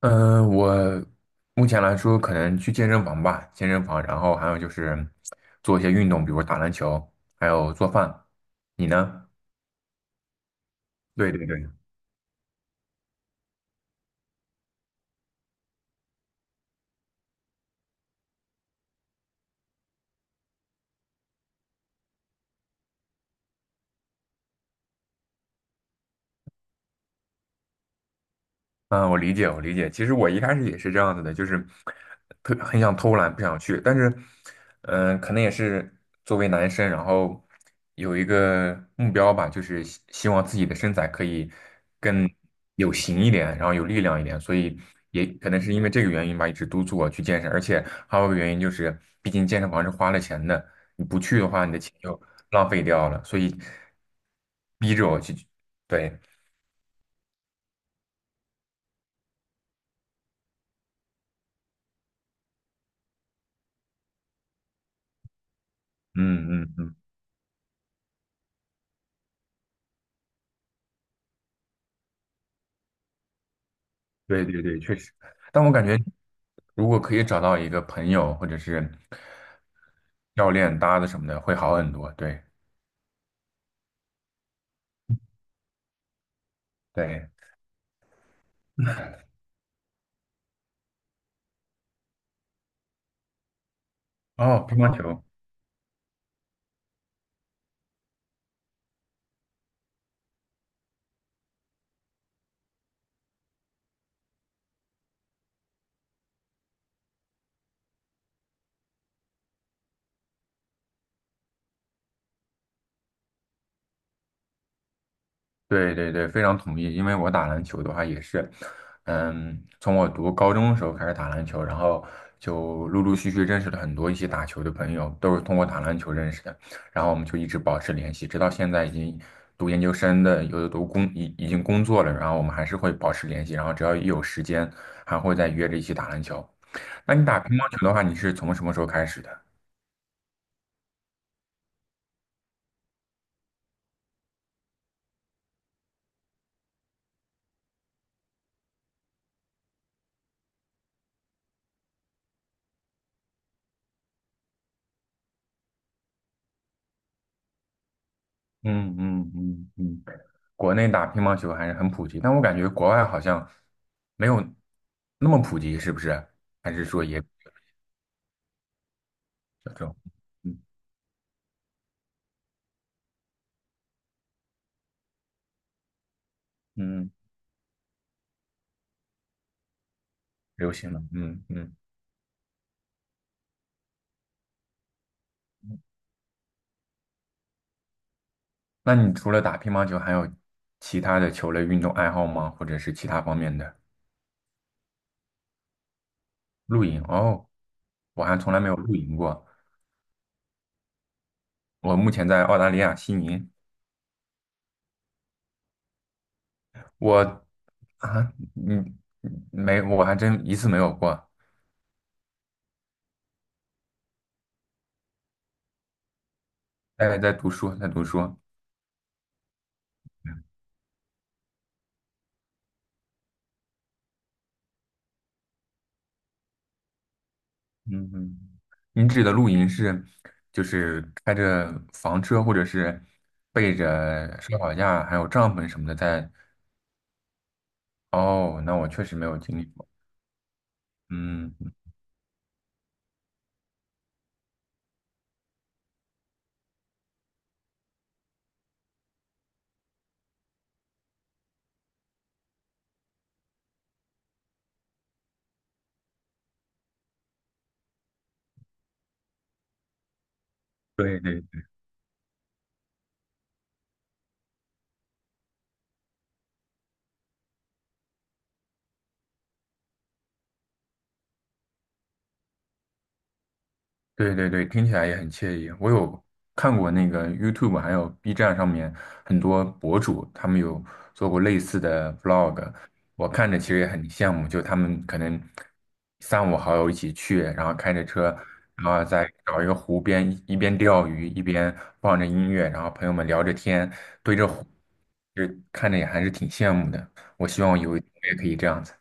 嗯，我目前来说可能去健身房吧，健身房，然后还有就是做一些运动，比如打篮球，还有做饭。你呢？对对对。嗯，我理解，我理解。其实我一开始也是这样子的，就是特很想偷懒，不想去。但是，可能也是作为男生，然后有一个目标吧，就是希望自己的身材可以更有型一点，然后有力量一点。所以也可能是因为这个原因吧，一直督促我去健身。而且还有一个原因就是，毕竟健身房是花了钱的，你不去的话，你的钱就浪费掉了。所以逼着我去，对，嗯嗯嗯。对对对，确实。但我感觉，如果可以找到一个朋友或者是教练搭的什么的，会好很多。对对，哦，乒乓球，对对对，非常同意。因为我打篮球的话也是，嗯，从我读高中的时候开始打篮球，然后就陆陆续续认识了很多一起打球的朋友，都是通过打篮球认识的。然后我们就一直保持联系，直到现在已经读研究生的，有的读工已已经工作了，然后我们还是会保持联系，然后只要一有时间，还会再约着一起打篮球。那你打乒乓球的话，你是从什么时候开始的？嗯嗯嗯嗯。国内打乒乓球还是很普及，但我感觉国外好像没有那么普及，是不是？还是说也小众？嗯嗯，流行了。嗯嗯，那你除了打乒乓球，还有其他的球类运动爱好吗？或者是其他方面的露营？哦，我还从来没有露营过。我目前在澳大利亚悉尼，我啊，嗯，没，我还真一次没有过。哎，在读书，在读书。嗯嗯，您指的露营是就是开着房车，或者是背着烧烤架，还有帐篷什么的在。哦，那我确实没有经历过。嗯，对对对对对，听起来也很惬意。我有看过那个 YouTube 还有 B 站上面很多博主，他们有做过类似的 vlog，我看着其实也很羡慕，就他们可能三五好友一起去，然后开着车，然后再找一个湖边，一边钓鱼一边放着音乐，然后朋友们聊着天，对着湖，就看着也还是挺羡慕的。我希望有一天我也可以这样子。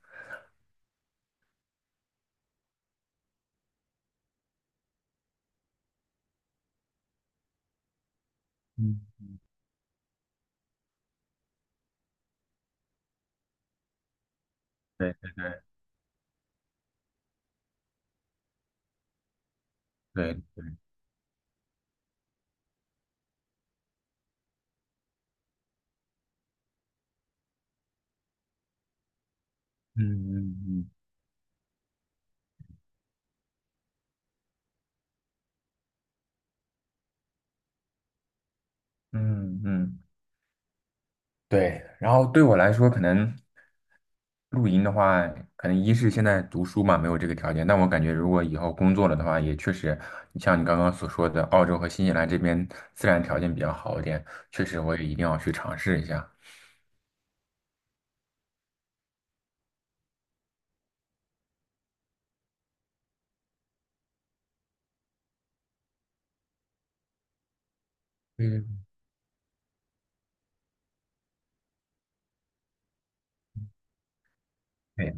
嗯，对对，嗯嗯嗯。嗯嗯。对，然后对我来说，可能露营的话，可能一是现在读书嘛，没有这个条件。但我感觉，如果以后工作了的话，也确实，你像你刚刚所说的，澳洲和新西兰这边自然条件比较好一点，确实我也一定要去尝试一下。嗯，对，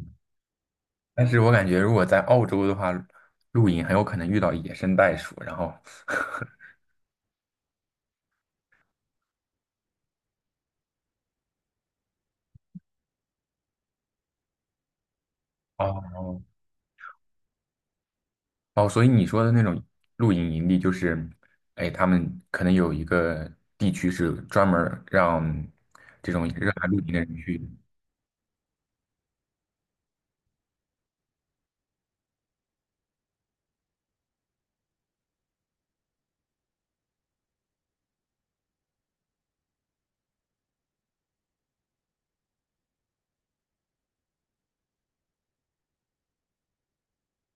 但是我感觉如果在澳洲的话，露营很有可能遇到野生袋鼠，然后 哦，哦，所以你说的那种露营营地，就是，哎，他们可能有一个地区是专门儿让这种热爱露营的人去的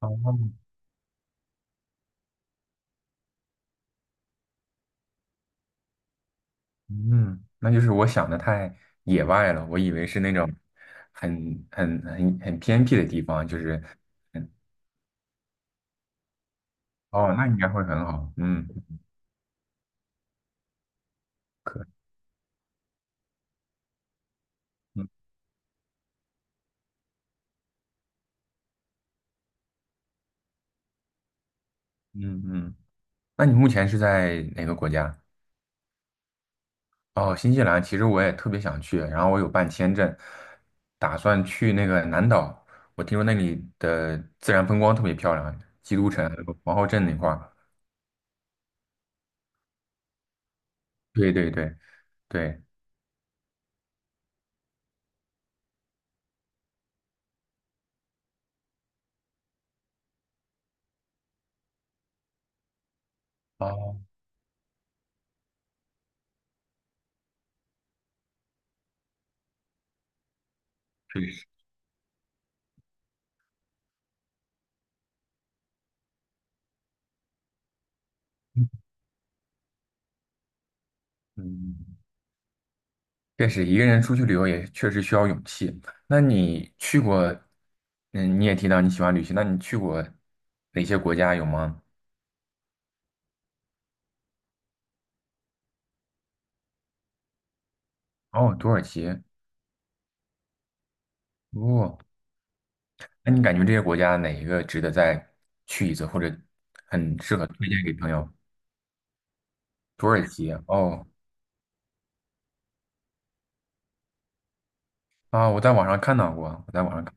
哦，嗯，那就是我想的太野外了，我以为是那种很偏僻的地方，就是，嗯哦，那应该会很好，嗯，可，嗯嗯嗯，那你目前是在哪个国家？哦，新西兰其实我也特别想去，然后我有办签证，打算去那个南岛。我听说那里的自然风光特别漂亮，基督城、皇后镇那块儿。对对对对，哦，确实，嗯，确实一个人出去旅游也确实需要勇气。那你去过，嗯，你也提到你喜欢旅行，那你去过哪些国家有吗？哦，土耳其，哦，那你感觉这些国家哪一个值得再去一次，或者很适合推荐给朋友？土耳其哦啊，我在网上看到过，我在网上看，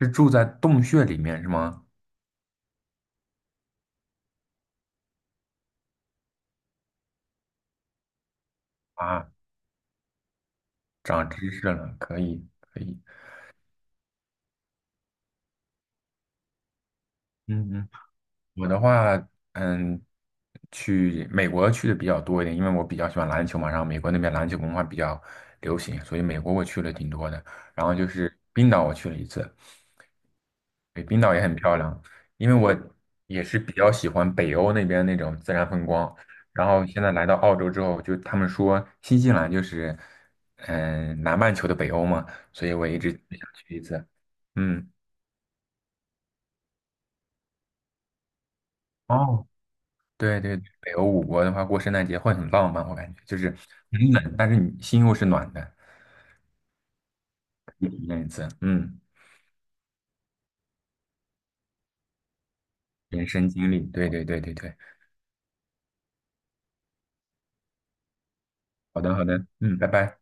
是住在洞穴里面是吗？啊，长知识了，可以可以，嗯嗯。我的话，嗯，去美国去的比较多一点，因为我比较喜欢篮球嘛，然后美国那边篮球文化比较流行，所以美国我去了挺多的。然后就是冰岛，我去了一次，对，冰岛也很漂亮，因为我也是比较喜欢北欧那边那种自然风光。然后现在来到澳洲之后，就他们说新西兰就是，嗯，南半球的北欧嘛，所以我一直想去一次。嗯，哦，对对，北欧五国的话，过圣诞节会很浪漫，我感觉就是很冷，但是你心又是暖的，体验一次，嗯，人生经历，对对对对对，好的好的，嗯，拜拜。